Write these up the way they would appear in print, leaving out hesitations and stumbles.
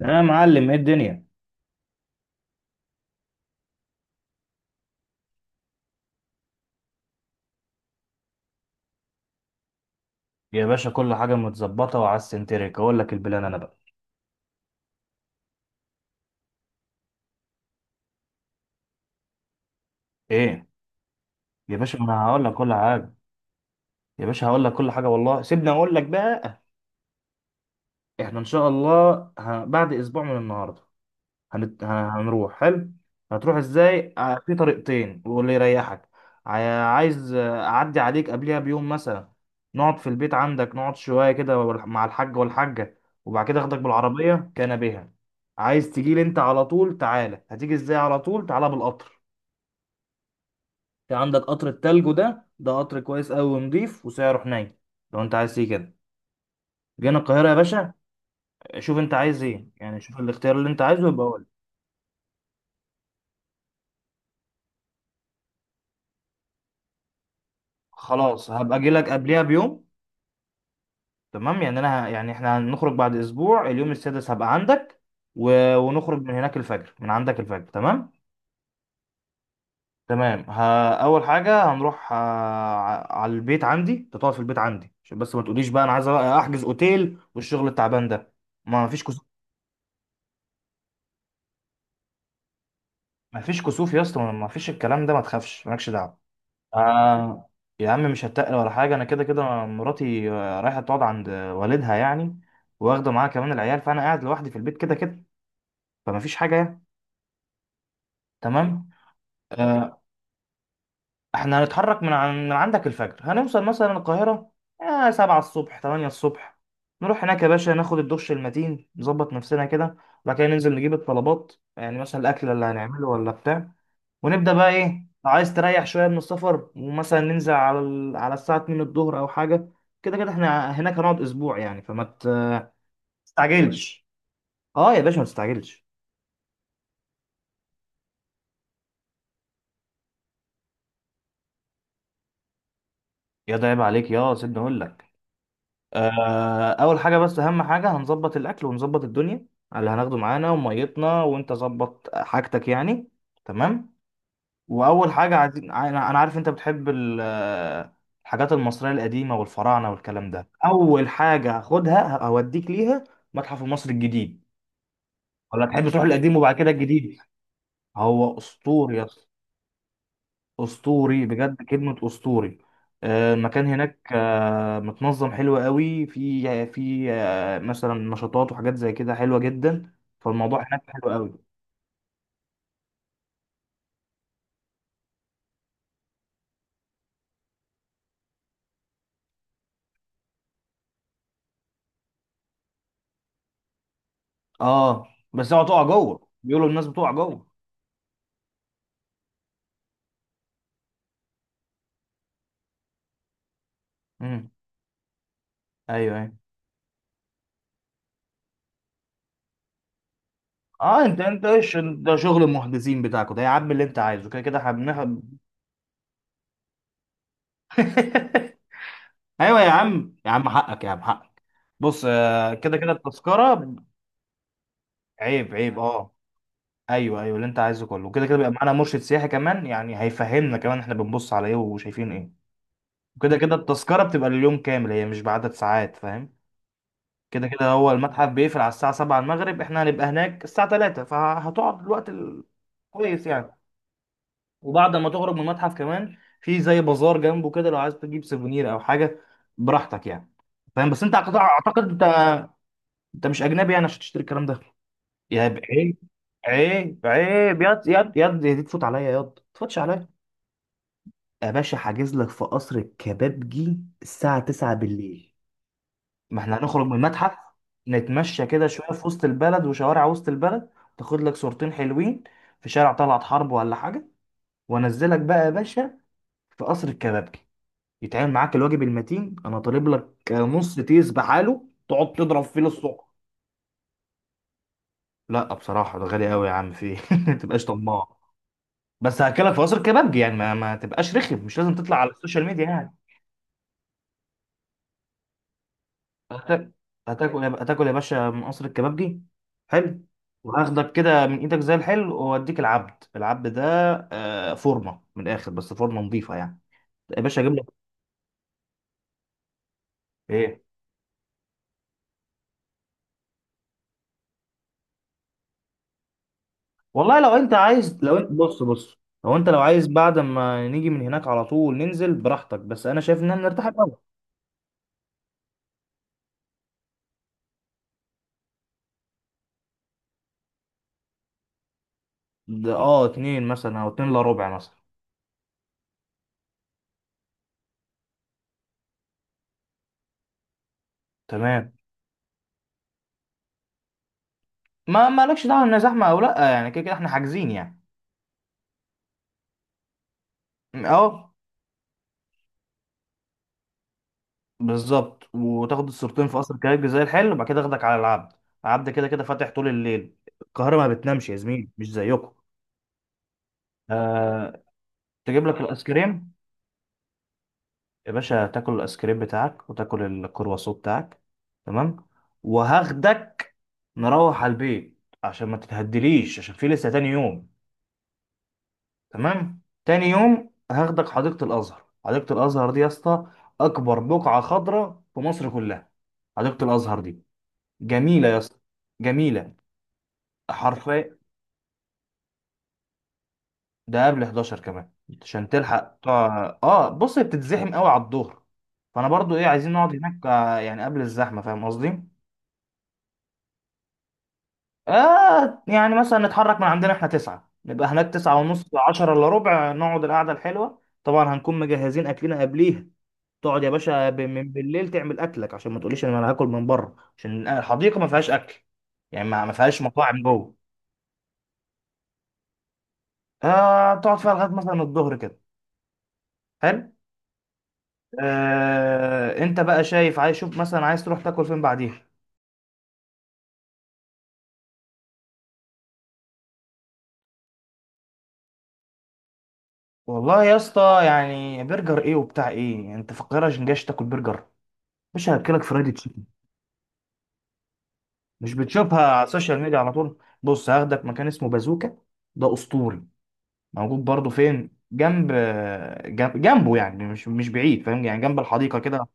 يا معلم ايه الدنيا؟ يا باشا كل حاجه متظبطه، وعلى السنتريك اقول لك البلان انا بقى. ايه؟ يا باشا انا هقول لك كل حاجه. يا باشا هقول لك كل حاجه والله، سيبني اقول لك بقى. احنا ان شاء الله بعد اسبوع من النهارده هنروح. حلو. هتروح ازاي؟ في طريقتين واللي يريحك. عايز اعدي عليك قبلها بيوم مثلا، نقعد في البيت عندك، نقعد شويه كده مع الحاج والحاجه، وبعد كده اخدك بالعربيه كان بها. عايز تجيلي انت على طول؟ تعالى. هتيجي ازاي على طول؟ تعالى بالقطر، في عندك قطر التلج ده، قطر كويس قوي ونضيف وسعره حنين، لو انت عايز تيجي كده. جينا القاهره يا باشا، شوف انت عايز ايه يعني، شوف الاختيار اللي انت عايزه يبقى قول. خلاص، هبقى اجي لك قبلها بيوم. تمام يعني انا يعني احنا هنخرج بعد اسبوع، اليوم السادس هبقى عندك، ونخرج من هناك الفجر، من عندك الفجر. تمام تمام ها، اول حاجه هنروح على البيت عندي، انت تقعد في البيت عندي، عشان بس ما تقوليش بقى انا عايز احجز اوتيل والشغل التعبان ده. ما فيش كسوف، ما فيش كسوف يا اسطى، ما فيش الكلام ده، ما تخافش، مالكش دعوه. آه، يا عم مش هتقل ولا حاجه، انا كده كده مراتي رايحه تقعد عند والدها يعني، واخده معاها كمان العيال، فانا قاعد لوحدي في البيت كده كده، فما فيش حاجه يعني. تمام. آه، احنا هنتحرك من عندك الفجر، هنوصل مثلا القاهرة سبعة الصبح، تمانية الصبح، نروح هناك يا باشا ناخد الدش المتين، نظبط نفسنا كده، وبعد كده ننزل نجيب الطلبات، يعني مثلا الأكل اللي هنعمله ولا بتاع، ونبدأ بقى إيه. لو عايز تريح شوية من السفر، ومثلا ننزل على الساعة 2 الظهر أو حاجة، كده كده احنا هناك هنقعد أسبوع يعني، تستعجلش. اه يا باشا ما تستعجلش. يا ده عيب عليك، يا سيبني أقول لك. اول حاجه، بس اهم حاجه، هنظبط الاكل ونظبط الدنيا على اللي هناخده معانا وميتنا، وانت ظبط حاجتك يعني. تمام. واول حاجه عايزين انا، أنا عارف انت بتحب الحاجات المصريه القديمه والفراعنه والكلام ده، اول حاجه هاخدها هوديك ليها. متحف مصر الجديد، ولا تحب تروح القديم وبعد كده الجديد؟ هو اسطوري، اسطوري بجد، كلمه اسطوري. المكان هناك متنظم حلو قوي، في مثلا نشاطات وحاجات زي كده حلوه جدا، فالموضوع هناك حلو قوي. اه، بس اوعى تقع جوه، بيقولوا الناس بتقع جوه. امم، ايوه ايوه. اه، انت ايش ده، شغل المحدثين بتاعكوا ده يا عم، اللي انت عايزه كده كده هبنها. ايوه يا عم، يا عم حقك، يا عم حقك. بص، كده كده التذكره. عيب، عيب، اه. ايوه ايوه، اللي انت عايزه كله، وكده كده بيبقى معانا مرشد سياحي كمان، يعني هيفهمنا كمان احنا بنبص على ايه وشايفين ايه. وكده كده التذكره بتبقى اليوم كامل، هي مش بعدد ساعات، فاهم. كده كده هو المتحف بيقفل على الساعه 7 المغرب، احنا هنبقى هناك الساعه 3، كويس يعني. وبعد ما تخرج من المتحف كمان في زي بازار جنبه كده، لو عايز تجيب سيفونير او حاجه براحتك يعني، فاهم. بس انت اعتقد انت، انت مش اجنبي يعني عشان تشتري الكلام ده، يا عيب، عيب عيب، ياض ياض ياض، دي تفوت عليا ياض؟ ما تفوتش. يا باشا حاجز لك في قصر الكبابجي الساعة 9 بالليل، ما احنا هنخرج من المتحف، نتمشى كده شوية في وسط البلد وشوارع وسط البلد، تاخد لك صورتين حلوين في شارع طلعت حرب ولا حاجة، وانزلك بقى يا باشا في قصر الكبابجي، يتعامل معاك الواجب المتين، انا طالب لك نص تيس بحاله تقعد تضرب فيه للسوق. لا بصراحة ده غالي قوي يا عم، في إيه؟ ما تبقاش طماع، بس هاكلك في قصر الكبابجي يعني، ما تبقاش رخم، مش لازم تطلع على السوشيال ميديا يعني. هت- هتاكل يا باشا من قصر الكبابجي. حلو. وهاخدك كده من ايدك زي الحلو، واديك العبد ده فورمه من الاخر، بس فورمه نظيفه يعني، يا باشا اجيب لك ايه. والله لو انت عايز، لو انت بص بص، لو عايز بعد ما نيجي من هناك على طول ننزل براحتك، بس انا شايف ان انا نرتاح الاول. ده اه، اتنين مثلا او اتنين الا ربع مثلا. تمام. ما مالكش دعوه ان زحمه او لا يعني، كده كده احنا حاجزين يعني. اه بالظبط، وتاخد الصورتين في قصر كليب زي الحلو، وبعد كده اخدك على العبد، العبد كده كده فاتح طول الليل، القاهرة ما بتنامش يا زميلي، مش زيكم. أه... تجيب لك الايس كريم، يا باشا تاكل الايس كريم بتاعك وتاكل الكرواسون بتاعك. تمام. وهاخدك نروح على البيت، عشان ما تتهدليش، عشان في لسه تاني يوم. تمام، تاني يوم هاخدك حديقة الازهر، حديقة الازهر دي يا اسطى اكبر بقعة خضراء في مصر كلها، حديقة الازهر دي جميلة يا اسطى، جميلة حرفيا. ده قبل 11 كمان، عشان اه بص، هي بتتزحم قوي على الظهر، فانا برضو ايه، عايزين نقعد هناك يعني قبل الزحمه، فاهم قصدي. آه، يعني مثلا نتحرك من عندنا احنا تسعة، نبقى هناك تسعة ونص، عشرة إلا ربع، نقعد القعدة الحلوة، طبعا هنكون مجهزين أكلنا قبليها. تقعد يا باشا من بالليل تعمل أكلك، عشان ما تقوليش إن أنا هاكل من بره، عشان الحديقة ما فيهاش أكل يعني، ما فيهاش مطاعم جوه. آه، تقعد فيها لغاية مثلا الظهر كده. حلو. انت بقى شايف، عايز شوف مثلا عايز تروح تاكل فين بعديها. والله يا اسطى، يعني برجر ايه وبتاع ايه يعني، انت فقير عشان جايش تاكل برجر؟ مش هاكلك فرايدي تشيكن، مش بتشوفها على السوشيال ميديا على طول؟ بص هاخدك مكان اسمه بازوكا، ده اسطوري، موجود برضه فين، جنب جنبه يعني، مش بعيد، فاهم يعني، جنب الحديقه كده.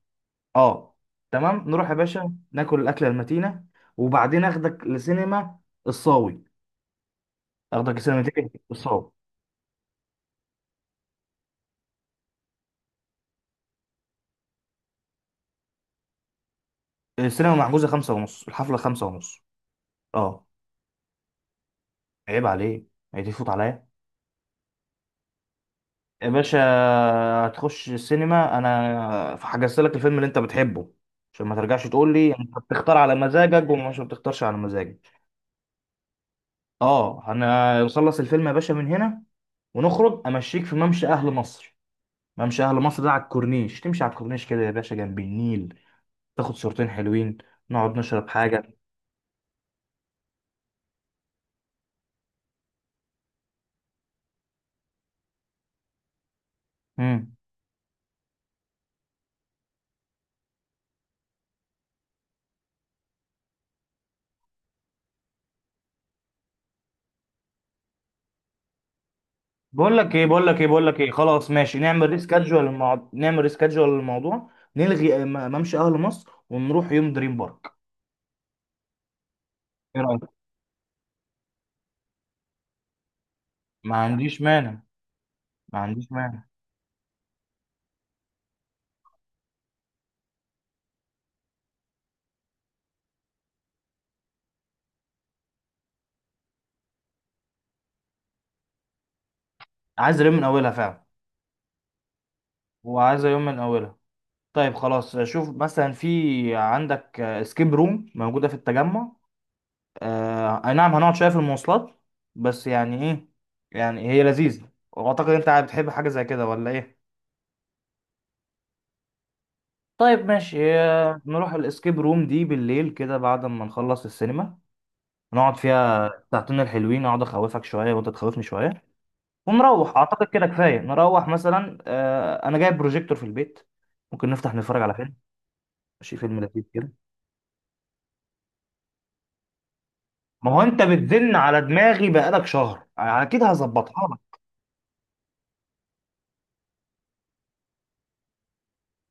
اه، تمام، نروح يا باشا ناكل الاكله المتينه، وبعدين اخدك لسينما الصاوي، اخدك لسينما الصاوي. السينما محجوزة خمسة ونص، الحفلة خمسة ونص. اه، عيب عليه، عيب يفوت عليا. يا باشا هتخش السينما، انا حجزت لك الفيلم اللي انت بتحبه، عشان ما ترجعش تقول لي انت بتختار على مزاجك ومش بتختارش على مزاجك. اه، انا نخلص الفيلم يا باشا من هنا ونخرج امشيك في ممشى اهل مصر، ممشى اهل مصر ده على الكورنيش، تمشي على الكورنيش كده يا باشا جنب النيل، تاخد صورتين حلوين، نقعد نشرب حاجة. مم. بقول لك ايه، خلاص ماشي، نعمل ريسكادجوال للموضوع، نلغي ممشى اهل مصر ونروح يوم دريم بارك، ايه رايك؟ ما عنديش مانع، ما عنديش مانع، عايز يوم من اولها فعلا، وعايزه يوم من اولها. طيب خلاص، شوف مثلا في عندك سكيب روم موجوده في التجمع، آه اي نعم هنقعد شويه في المواصلات، بس يعني ايه، يعني هي لذيذه، واعتقد انت بتحب حاجه زي كده ولا ايه؟ طيب ماشي، نروح الاسكيب روم دي بالليل كده بعد ما نخلص السينما، نقعد فيها ساعتين الحلوين، اقعد اخوفك شويه وانت تخوفني شويه، ونروح، اعتقد كده كفايه، نروح مثلا انا جايب بروجيكتور في البيت، ممكن نفتح نتفرج على فيلم، ماشي فيلم لذيذ كده. ما هو انت بتزن على دماغي بقالك شهر، اكيد هظبطها لك.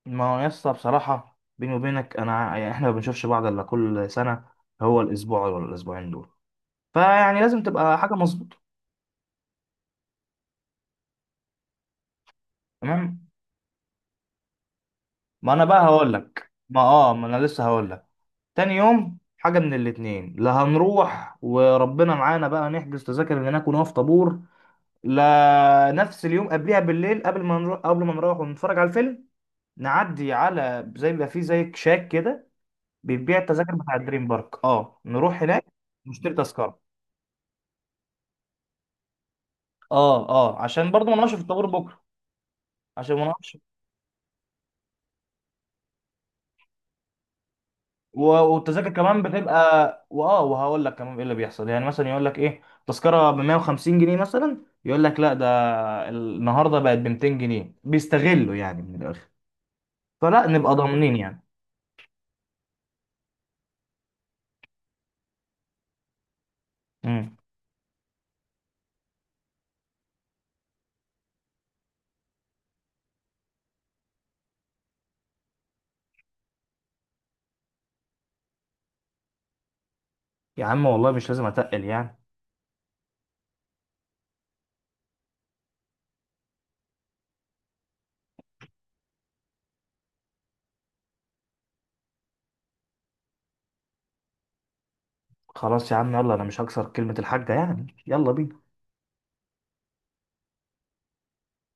ما هو يسطا بصراحه بيني وبينك انا، يعني احنا ما بنشوفش بعض الا كل سنه، هو الاسبوع ولا الاسبوعين دول، فيعني لازم تبقى حاجه مظبوطه. تمام. ما انا بقى هقول لك، ما اه ما انا لسه هقول لك، تاني يوم حاجه من الاتنين، لا هنروح وربنا معانا بقى، نحجز تذاكر من هناك ونقف طابور؟ لا، نفس اليوم قبلها بالليل، قبل ما نروح ونتفرج على الفيلم، نعدي على زي بيبقى فيه زي كشاك كده، بيبيع التذاكر بتاع دريم بارك، اه نروح هناك نشتري تذكره، اه اه، عشان برضه ما نقفش في الطابور بكره، عشان ما نقفش، و- والتذاكر كمان بتبقى، واه، وهقول لك كمان ايه اللي بيحصل، يعني مثلا يقول لك ايه، تذكره ب 150 جنيه مثلا، يقول لك لا ده النهارده بقت ب 200 جنيه، بيستغلوا يعني من الاخر، فلا نبقى ضامنين يعني. امم. يا عم والله مش لازم اتقل يعني. خلاص يا عم يلا، انا مش هكسر كلمة الحاجة يعني، يلا بينا.